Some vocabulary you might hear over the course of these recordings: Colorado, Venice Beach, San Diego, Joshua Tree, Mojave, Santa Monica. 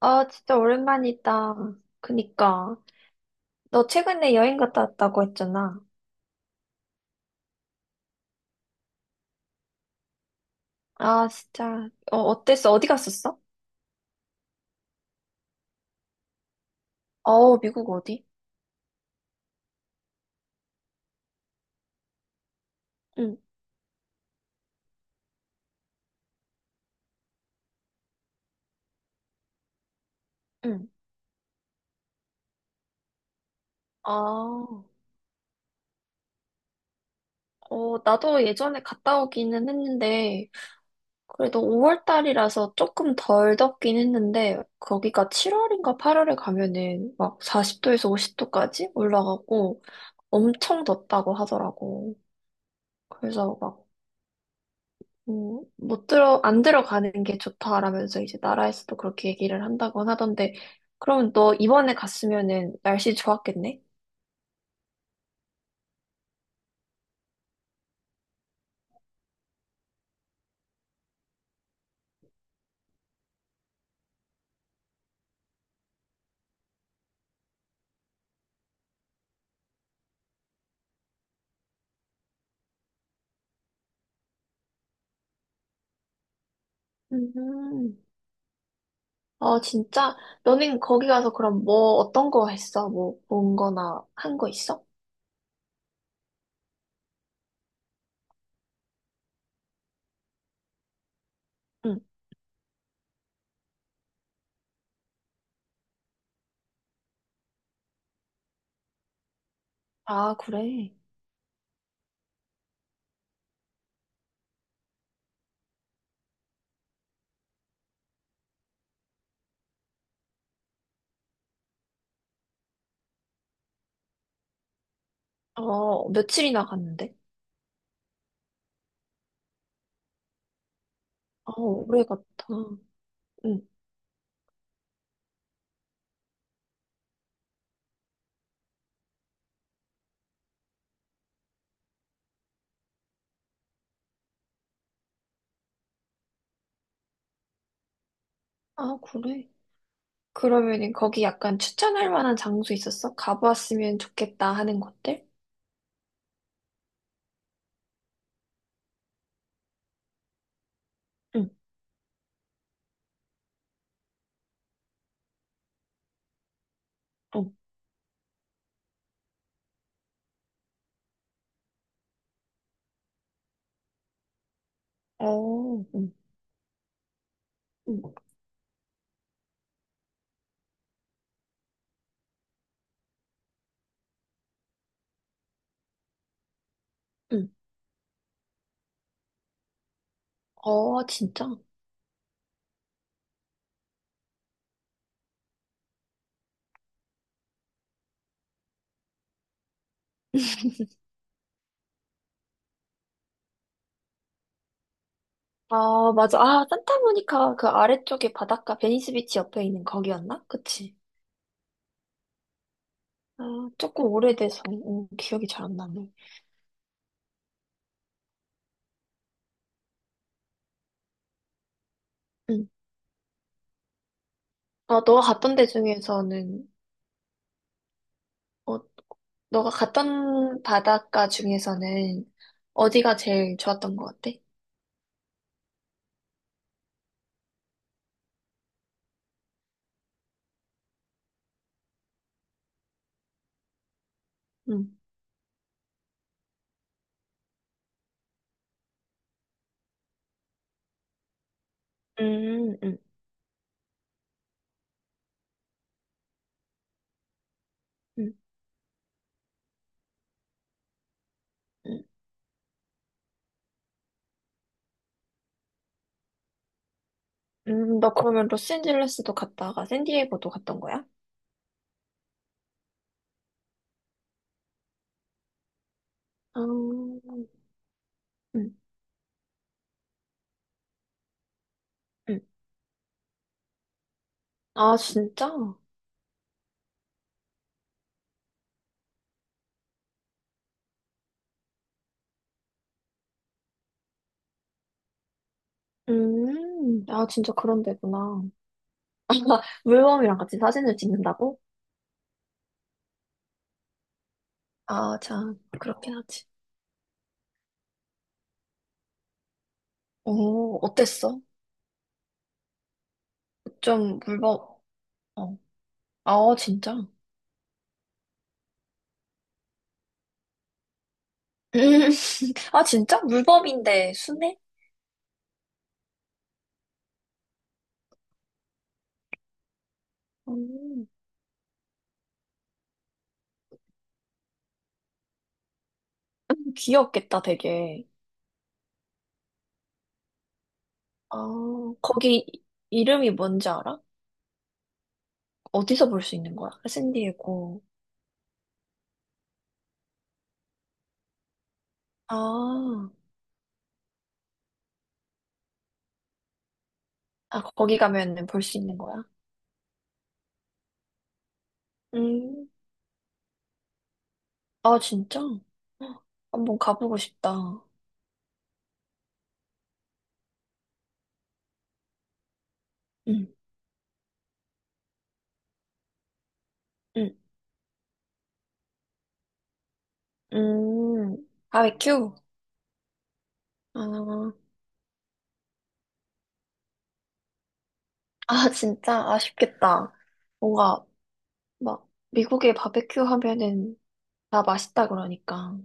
아, 진짜 오랜만이다. 그니까. 너 최근에 여행 갔다 왔다고 했잖아. 아, 진짜. 어, 어땠어? 어디 갔었어? 어, 미국 어디? 응, 응. 아, 어, 나도 예전에 갔다 오기는 했는데, 그래도 5월 달이라서 조금 덜 덥긴 했는데, 거기가 7월인가 8월에 가면은 막 40도에서 50도까지 올라가고 엄청 덥다고 하더라고. 그래서 막 못 들어, 안 들어가는 게 좋다라면서 이제 나라에서도 그렇게 얘기를 한다고 하던데, 그럼 너 이번에 갔으면은 날씨 좋았겠네? 음, 어, 진짜? 너는 거기 가서 그럼 뭐, 어떤 거 했어? 뭐, 본 거나 한 거 있어? 응. 아, 그래. 어, 며칠이나 갔는데? 아, 오래 갔다. 응. 아, 그래. 그러면은 거기 약간 추천할 만한 장소 있었어? 가보았으면 좋겠다 하는 곳들? 응, 응. 어, 응, 응. 응. 어, 진짜? 아, 맞아. 아, 산타모니카 그 아래쪽에 바닷가 베니스 비치 옆에 있는 거기였나? 그치? 아, 조금 오래돼서 기억이 잘 안 나네. 응. 아, 너가 갔던 데 중에서는, 어, 너가 갔던 바닷가 중에서는 어디가 제일 좋았던 것 같아? 응. 음, 음, 음, 음. 너 그러면 로스앤젤레스도 갔다가 샌디에고도 갔던 거야? 아, 음. 아, 진짜? 아, 진짜 그런 데구나. 물범이랑 같이 사진을 찍는다고? 아, 참, 그렇긴 하지. 오, 어땠어? 좀 물범, 어. 아, 진짜? 아, 진짜? 물범인데 순해? 음, 귀엽겠다, 되게. 아, 거기 이름이 뭔지 알아? 어디서 볼 수 있는 거야? 샌디에고. 아, 아, 거기 가면은 볼 수 있는 거야? 음, 아, 진짜? 헉, 한번 가보고 싶다. 응, 응, 음, 바베큐? 아, 아, 진짜 아쉽겠다. 뭔가 막 미국에 바베큐 하면은 다 맛있다 그러니까.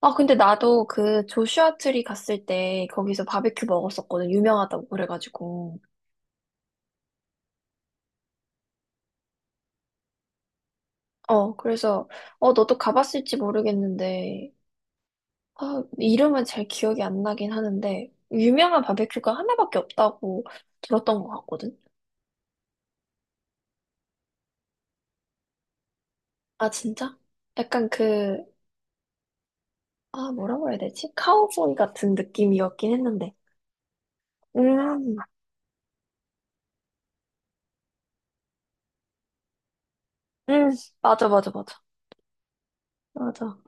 아, 근데 나도 그 조슈아 트리 갔을 때 거기서 바베큐 먹었었거든. 유명하다고 그래가지고. 어, 그래서 어, 너도 가봤을지 모르겠는데 아, 이름은 잘 기억이 안 나긴 하는데 유명한 바베큐가 하나밖에 없다고 들었던 것 같거든. 아, 진짜? 약간 그 아, 뭐라고 해야 되지? 카우보이 같은 느낌이었긴 했는데. 음. 음, 맞아, 맞아, 맞아. 맞아.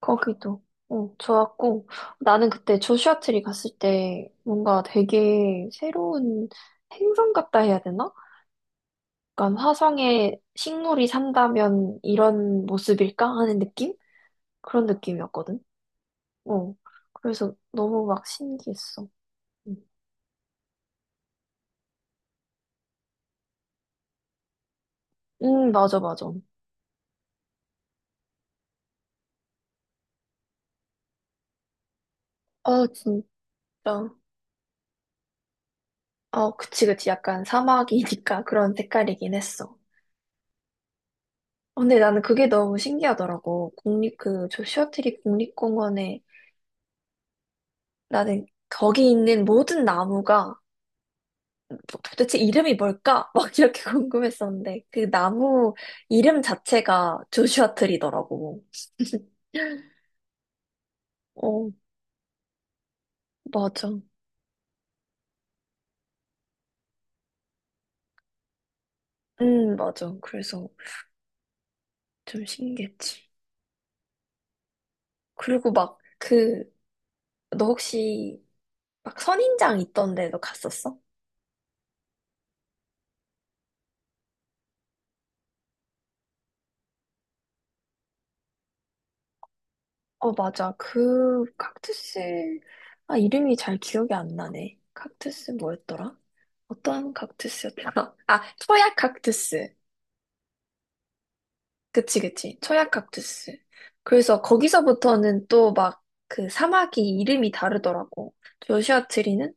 거기도. 어 좋았고. 나는 그때 조슈아 트리 갔을 때 뭔가 되게 새로운 행성 같다 해야 되나? 약간 화성에 식물이 산다면 이런 모습일까? 하는 느낌? 그런 느낌이었거든. 어. 그래서 너무 막 신기했어. 응, 맞아, 맞아. 어, 진짜. 어, 그치, 그치. 약간 사막이니까 그런 색깔이긴 했어. 어, 근데 나는 그게 너무 신기하더라고. 국립, 그, 저 시어트리 국립공원에 나는 거기 있는 모든 나무가 도대체 이름이 뭘까? 막 이렇게 궁금했었는데 그 나무 이름 자체가 조슈아 트리더라고. 어, 맞아. 맞아. 그래서 좀 신기했지. 그리고 막 그, 너 혹시 막 선인장 있던 데도 갔었어? 어, 맞아. 그 칵투스, 아, 이름이 잘 기억이 안 나네. 칵투스 뭐였더라? 어떤 칵투스였더라? 아, 초약 칵투스. 그치, 그치. 초약 칵투스. 그래서 거기서부터는 또 막 그 사막이 이름이 다르더라고. 조슈아 트리는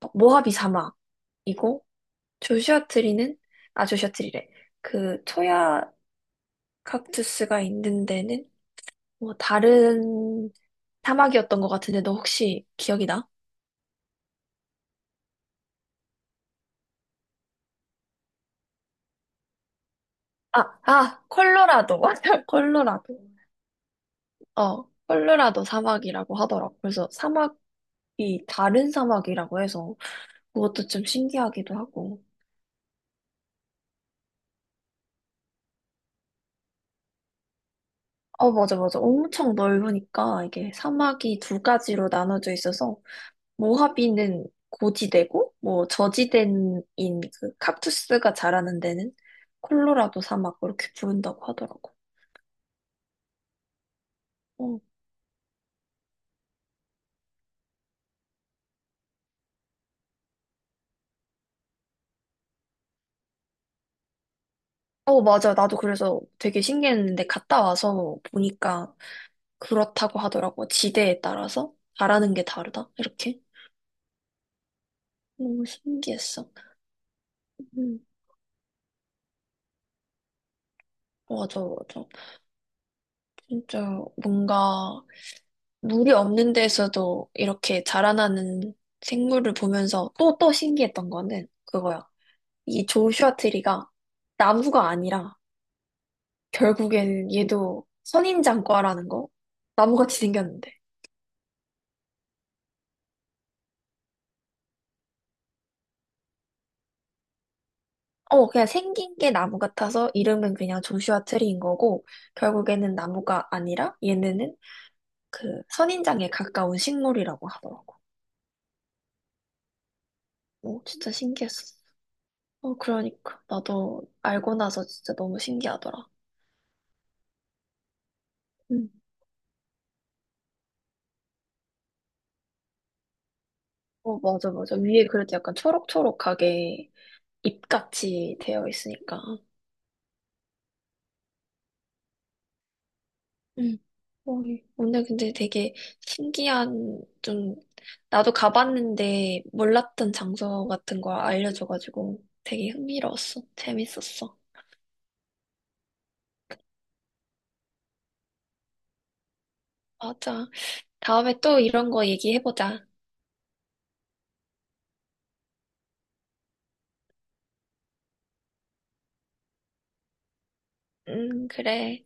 어, 모하비 사막이고, 조슈아 트리는, 아, 조슈아 트리래. 그 초약 칵투스가 있는 데는 뭐 다른 사막이었던 것 같은데, 너 혹시 기억이 나? 아, 아, 콜로라도. 맞아, 콜로라도. 어, 콜로라도 사막이라고 하더라고. 그래서 사막이 다른 사막이라고 해서 그것도 좀 신기하기도 하고. 어, 맞아, 맞아. 엄청 넓으니까 이게 사막이 두 가지로 나눠져 있어서 모하비는 고지대고, 뭐, 저지대인 그 kaktu스가 자라는 데는 콜로라도 사막 그렇게 부른다고 하더라고. 어. 어, 맞아. 나도 그래서 되게 신기했는데 갔다 와서 보니까 그렇다고 하더라고. 지대에 따라서 잘하는 게 다르다. 이렇게. 너무 신기했어. 음, 맞아, 맞아. 진짜 뭔가 물이 없는 데서도 이렇게 자라나는 생물을 보면서 또, 또 신기했던 거는 그거야. 이 조슈아 트리가 나무가 아니라 결국에는 얘도 선인장과라는 거. 나무같이 생겼는데. 어, 그냥 생긴 게 나무 같아서 이름은 그냥 조슈아 트리인 거고, 결국에는 나무가 아니라 얘네는 그 선인장에 가까운 식물이라고 하더라고. 어, 진짜 신기했었어. 어, 그러니까. 나도 알고 나서 진짜 너무 신기하더라. 응. 어, 맞아, 맞아. 위에 그래도 약간 초록초록하게 잎같이 되어 있으니까. 응. 어, 오늘 근데 되게 신기한, 좀, 나도 가봤는데 몰랐던 장소 같은 거 알려줘가지고 되게 흥미로웠어. 재밌었어. 맞아. 다음에 또 이런 거 얘기해보자. 응, 그래.